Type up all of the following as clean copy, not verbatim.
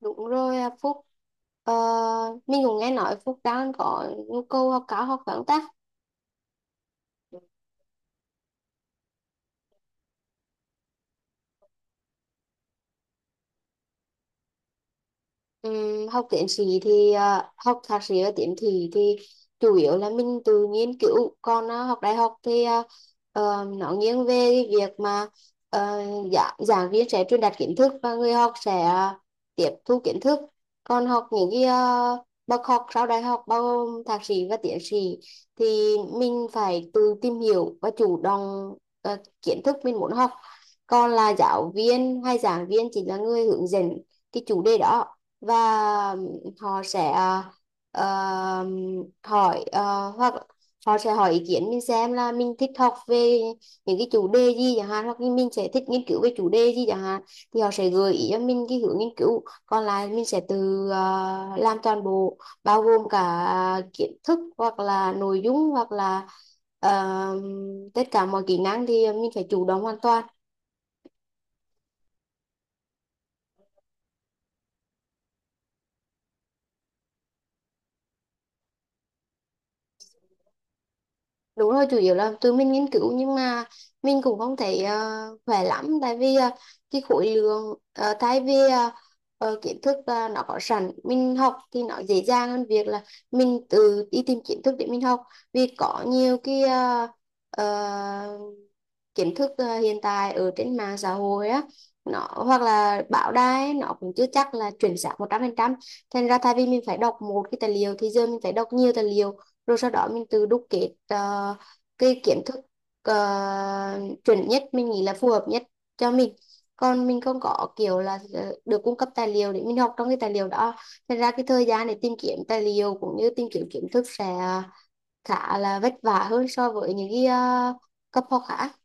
Đúng rồi à, Phúc. Ờ, mình cũng nghe nói Phúc đang có nhu cầu học cao học vấn ta. Học thạc sĩ và tiến sĩ thì chủ yếu là mình tự nghiên cứu, còn học đại học thì nó nghiêng về cái việc mà giảng viên sẽ truyền đạt kiến thức và người học sẽ tiếp thu kiến thức. Còn học những cái bậc học sau đại học bao gồm thạc sĩ và tiến sĩ thì mình phải tự tìm hiểu và chủ động kiến thức mình muốn học. Còn là giáo viên hay giảng viên chỉ là người hướng dẫn cái chủ đề đó, và họ sẽ ờ, hoặc họ sẽ hỏi ý kiến mình xem là mình thích học về những cái chủ đề gì chẳng hạn, hoặc như mình sẽ thích nghiên cứu về chủ đề gì chẳng hạn, thì họ sẽ gợi ý cho mình cái hướng nghiên cứu, còn lại mình sẽ tự làm toàn bộ, bao gồm cả kiến thức hoặc là nội dung hoặc là ờ, tất cả mọi kỹ năng thì mình phải chủ động hoàn toàn. Đúng rồi, chủ yếu là tụi mình nghiên cứu, nhưng mà mình cũng không thấy khỏe lắm. Tại vì cái khối lượng ờ, thay vì ờ, ờ, kiến thức nó có sẵn mình học thì nó dễ dàng hơn việc là mình tự đi tìm kiến thức để mình học. Vì có nhiều cái uh, kiến thức hiện tại ở trên mạng xã hội á, nó hoặc là báo đài nó cũng chưa chắc là chuẩn xác 100% Thành ra thay vì mình phải đọc một cái tài liệu thì giờ mình phải đọc nhiều tài liệu, rồi sau đó mình tự đúc kết cái kiến thức ờ, chuẩn nhất, mình nghĩ là phù hợp nhất cho mình. Còn mình không có kiểu là được cung cấp tài liệu để mình học trong cái tài liệu đó. Thành ra cái thời gian để tìm kiếm tài liệu cũng như tìm kiếm kiến thức sẽ khá là vất vả hơn so với những cái cấp học khác.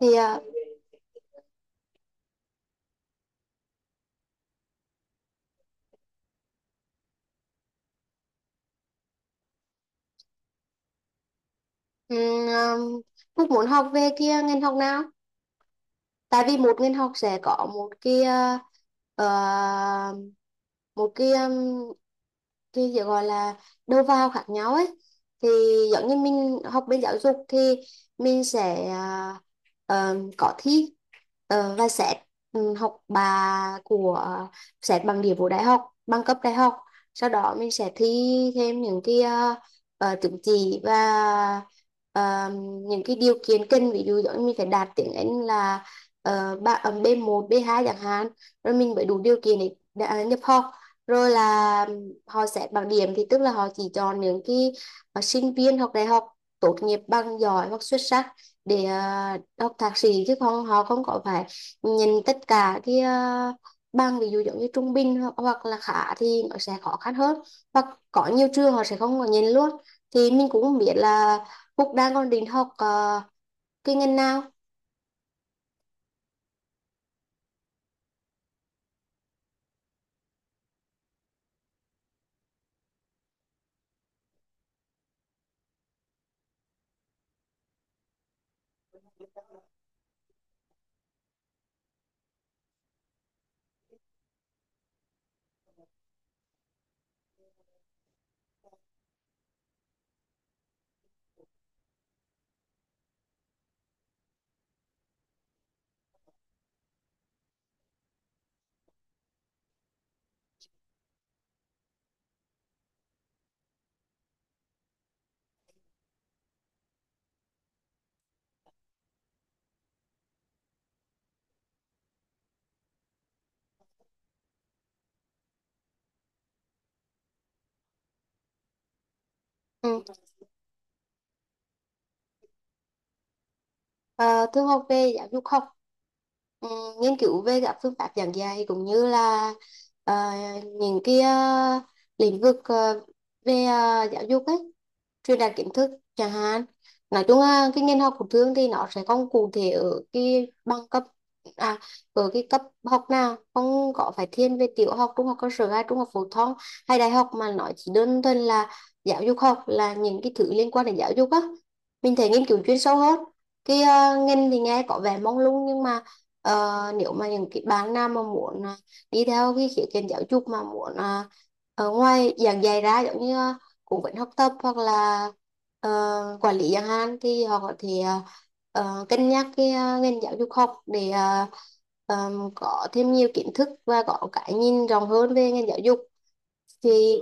Thì Ừ, um, Phúc muốn học về kia ngành học nào? Tại vì một ngành học sẽ có uh, một cái gì gọi là đầu vào khác nhau ấy. Thì giống như mình học bên giáo dục thì mình sẽ có thi và xét, ừ, học bà của à, xét bằng điểm của đại học, bằng cấp đại học. Sau đó mình sẽ thi thêm những cái uh, chứng chỉ và ờ, những cái điều kiện cần. Ví dụ giống như mình phải đạt tiếng Anh là B1 B2 chẳng hạn, rồi mình mới đủ điều kiện để đã nhập học. Rồi là họ xét bằng điểm, thì tức là họ chỉ chọn những cái sinh viên học đại học tốt nghiệp bằng giỏi hoặc xuất sắc để học thạc sĩ, chứ không, họ không có phải nhìn tất cả cái bằng. Ví dụ giống như trung bình hoặc là khá thì nó sẽ khó khăn hơn, hoặc có nhiều trường họ sẽ không có nhìn luôn. Thì mình cũng không biết là Phúc đang còn định học cái ngành nào. Ừ. Ờ, Thương học về giáo dục học, ừ, nghiên cứu về các phương pháp giảng dạy cũng như là ờ, những cái lĩnh vực về giáo dục ấy, truyền đạt kiến thức chẳng hạn. Nói chung là cái ngành học của Thương thì nó sẽ không cụ thể ở cái bằng cấp, à ở cái cấp học nào, không có phải thiên về tiểu học, trung học cơ sở hay trung học phổ thông hay đại học, mà nó chỉ đơn thuần là giáo dục học, là những cái thứ liên quan đến giáo dục á. Mình thấy nghiên cứu chuyên sâu hơn. Cái ngành thì nghe có vẻ mông lung, nhưng mà nếu mà những cái bạn nào mà muốn đi theo cái khía cạnh giáo dục mà muốn ở ngoài giảng dạy ra, giống như cũng vẫn học tập hoặc là ờ, quản lý chẳng hạn, thì họ có thể cân nhắc cái ngành giáo dục học để có thêm nhiều kiến thức và có cái nhìn rộng hơn về ngành giáo dục. Thì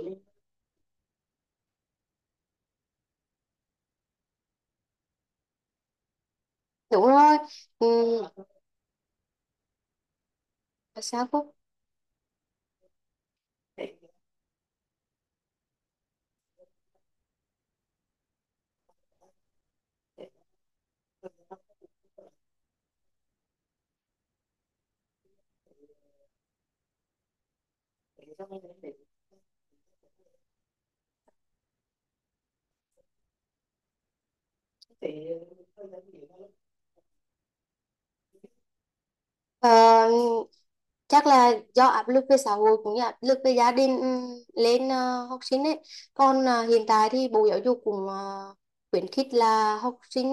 đúng rồi. Ừm, Sao Phúc? Ờ, Chắc là do áp lực về xã hội cũng như áp lực về gia đình lên học sinh ấy. Còn hiện tại thì Bộ Giáo dục cũng khuyến khích là học sinh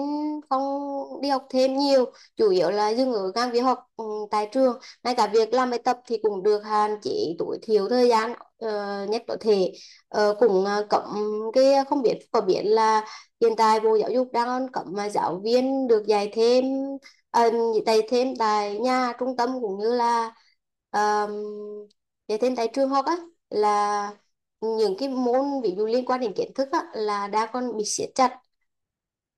không đi học thêm nhiều, chủ yếu là dừng ở các việc học tại trường. Ngay cả việc làm bài tập thì cũng được hạn chế tối thiểu thời gian nhất có thể. Cũng cấm cái, không biết có biết là hiện tại Bộ Giáo dục đang cấm mà giáo viên được dạy thêm, dạy thêm tại nhà, trung tâm, cũng như là um, dạy thêm tại trường học á. Là những cái môn ví dụ liên quan đến kiến thức á, là đã còn bị siết chặt.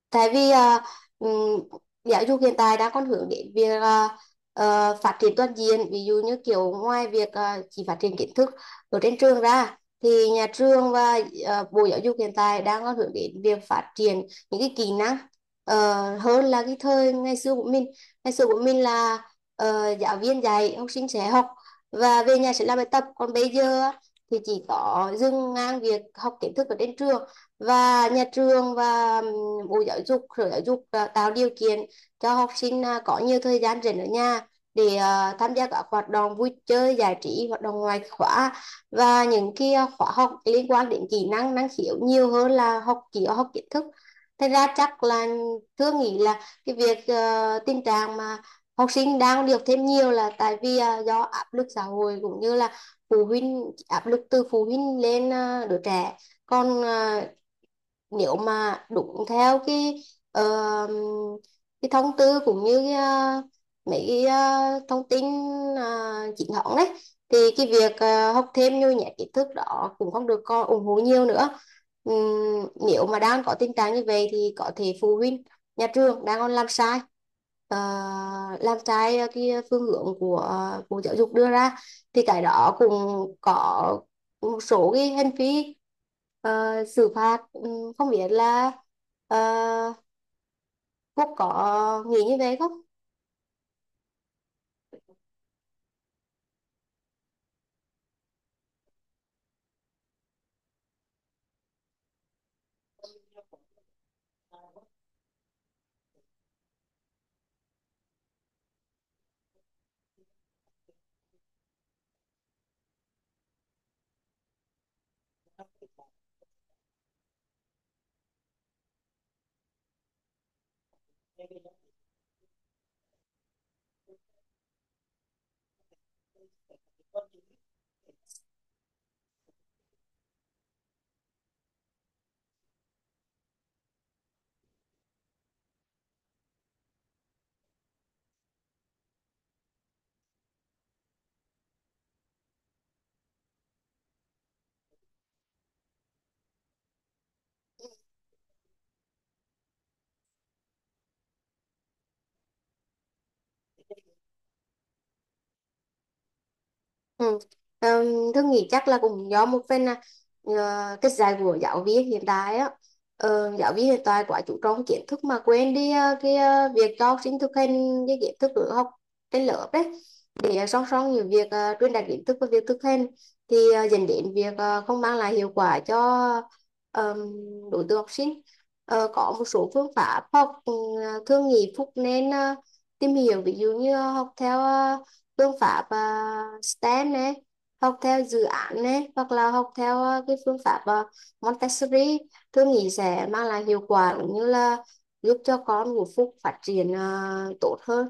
Tại vì ừm, giáo dục hiện tại đang còn hướng đến việc phát triển toàn diện. Ví dụ như kiểu ngoài việc chỉ phát triển kiến thức ở trên trường ra, thì nhà trường và Bộ Giáo dục hiện tại đang có hướng đến việc phát triển những cái kỹ năng hơn là cái thời ngày xưa của mình. Ngày xưa của mình là giáo viên dạy, học sinh sẽ học, và về nhà sẽ làm bài tập. Còn bây giờ á, thì chỉ có dừng ngang việc học kiến thức ở trên trường, và nhà trường và Bộ Giáo dục, Sở Giáo dục tạo điều kiện cho học sinh có nhiều thời gian rảnh ở nhà, để tham gia các hoạt động vui chơi giải trí, hoạt động ngoài khóa và những cái khóa học liên quan đến kỹ năng, năng khiếu, nhiều hơn là học chỉ học kiến thức. Thành ra chắc là Thương nghĩ là cái việc tình trạng mà học sinh đang được thêm nhiều là tại vì do áp lực xã hội cũng như là phụ huynh áp lực từ phụ huynh lên đứa trẻ. Còn nếu mà đúng theo ờ, cái thông tư cũng như mấy cái thông tin chính thống đấy, thì cái việc học thêm nhồi nhét kiến thức đó cũng không được con ủng hộ nhiều nữa. Nếu mà đang có tình trạng như vậy thì có thể phụ huynh, nhà trường đang còn làm sai, ờ, cái phương hướng của Bộ Giáo dục đưa ra, thì cái đó cũng có một số cái hành vi xử phạt. Ừ, Không biết là ờ, Phúc có nghĩ như vậy không? Ừ. Tôi nghĩ chắc là cũng do một phần là ờ, cái dạy của giáo viên hiện tại á. Giáo viên hiện tại quá chú trọng kiến thức mà quên đi việc cho học sinh thực hành cái kiến thức ở học trên lớp đấy, để song song những việc truyền đạt kiến thức và việc thực hành, thì dẫn đến việc không mang lại hiệu quả cho ờm, đối tượng học sinh. Có một số phương pháp học thường nghị Phúc nên tìm hiểu, ví dụ như học theo phương pháp STEM này, học theo dự án này, hoặc là học theo cái phương pháp Montessori. Tôi nghĩ sẽ mang lại hiệu quả cũng như là giúp cho con của Phúc phát triển tốt hơn,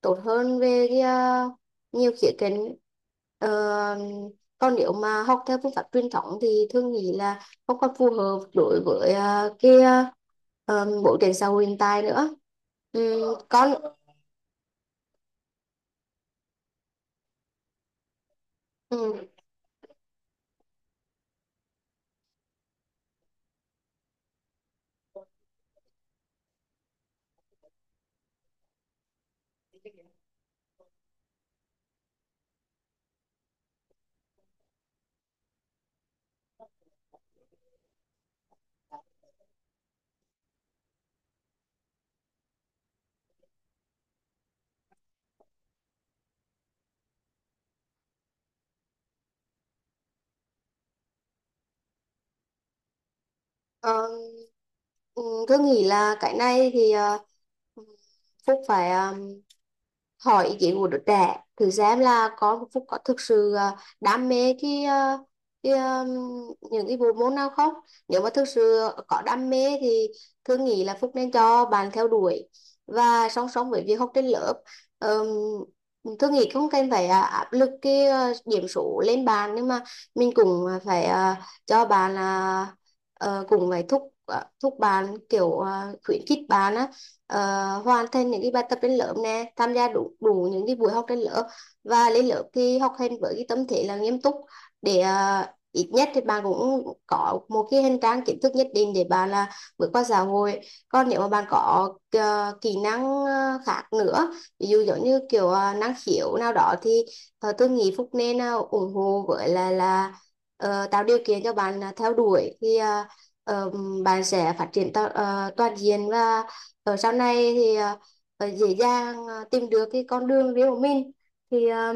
tốt hơn về nhiều khía cạnh. Ờ, Còn nếu mà học theo phương pháp truyền thống thì Thương nghĩ là không còn phù hợp đối với cái bối cảnh xã hội hiện tại nữa. Con ừ, Ờ, ừ, Tôi nghĩ là cái này thì Phúc phải hỏi ý kiến của đứa trẻ, thử xem là con của Phúc có thực sự đam mê cái ờ, những cái bộ môn nào không. Nếu mà thực sự có đam mê thì Thương nghĩ là Phúc nên cho bạn theo đuổi, và song song với việc học trên lớp, tôi nghĩ không cần phải áp lực cái điểm số lên bàn, nhưng mà mình cũng phải cho bạn cũng phải thúc bạn kiểu khuyến khích bạn á, ờ, hoàn thành những cái bài tập trên lớp nè, tham gia đủ đủ những cái buổi học trên lớp, và lên lớp thì học hành với cái tâm thế là nghiêm túc, để ít nhất thì bạn cũng có một cái hành trang kiến thức nhất định để bạn là bước qua xã hội. Còn nếu mà bạn có kỹ năng khác nữa, ví dụ giống như kiểu năng khiếu nào đó, thì tôi nghĩ Phúc nên ủng hộ với là tạo điều kiện cho bạn là theo đuổi, thì ờ, bạn sẽ phát triển toàn diện, và ở sau này thì dễ dàng tìm được cái con đường riêng của mình. thì à,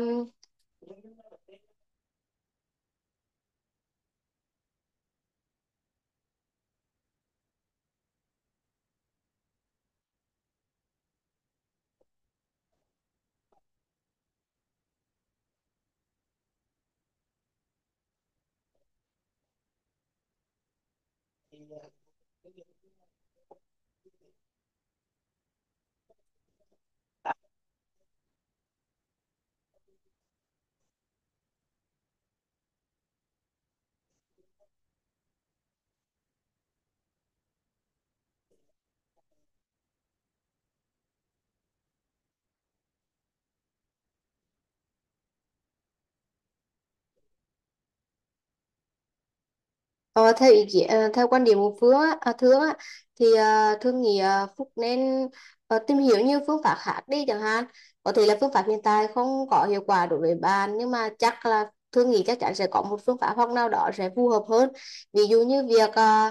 Ờ, theo ý kiến, ờ, Theo quan điểm của Thương á, thì Thương nghĩ Phúc nên tìm hiểu nhiều phương pháp khác đi chẳng hạn. Có thể là phương pháp hiện tại không có hiệu quả đối với bạn, nhưng mà chắc là Thương nghĩ chắc chắn sẽ có một phương pháp học nào đó sẽ phù hợp hơn. Ví dụ như việc à,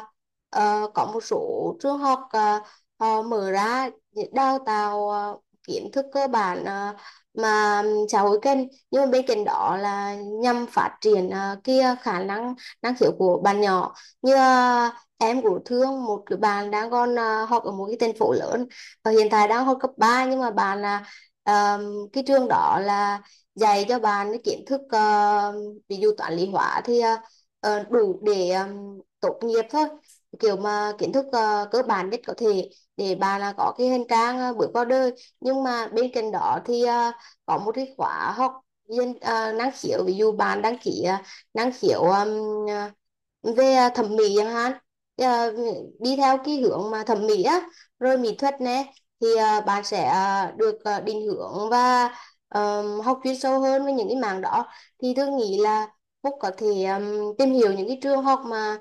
ờ, có một số trường học họ mở ra để đào tạo kiến thức cơ bản mà xã hội cần, nhưng mà bên cạnh đó là nhằm phát triển cái khả năng năng khiếu của bạn nhỏ. Như em của Thương, một cái bạn đang còn học ở một cái thành phố lớn và hiện tại đang học cấp ba, nhưng mà à, cái trường đó là dạy cho bạn cái kiến thức ví dụ toán lý hóa thì đủ để tốt nghiệp thôi, kiểu mà kiến thức cơ bản nhất có thể, để bà là có cái hành trang bước vào đời. Nhưng mà bên cạnh đó thì có một cái khóa học viên năng khiếu, ví dụ bạn đăng ký năng khiếu về thẩm mỹ chẳng hạn. Thì, à, Đi theo cái hướng mà thẩm mỹ á, rồi mỹ thuật nè, thì bạn sẽ được định hướng và học chuyên sâu hơn với những cái mảng đó. Thì tôi nghĩ là Phúc có thể tìm hiểu những cái trường học mà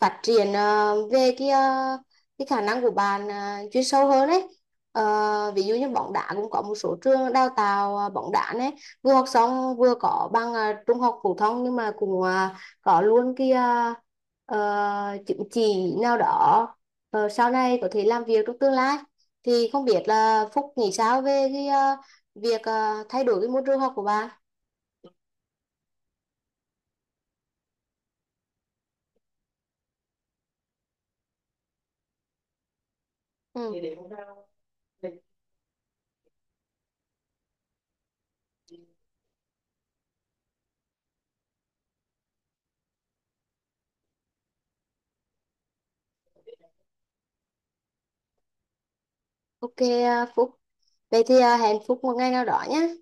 phát triển về cái khả năng của bạn chuyên sâu hơn đấy. Ví dụ như bóng đá cũng có một số trường đào tạo bóng đá đấy, vừa học xong vừa có bằng trung học phổ thông, nhưng mà cũng có luôn cái chứng chỉ nào đó, sau này có thể làm việc trong tương lai. Thì không biết là Phúc nghĩ sao về cái việc thay đổi cái môi trường học của bạn. ừ. Ok Phúc, vậy thì hẹn Phúc một ngày nào đó nhé.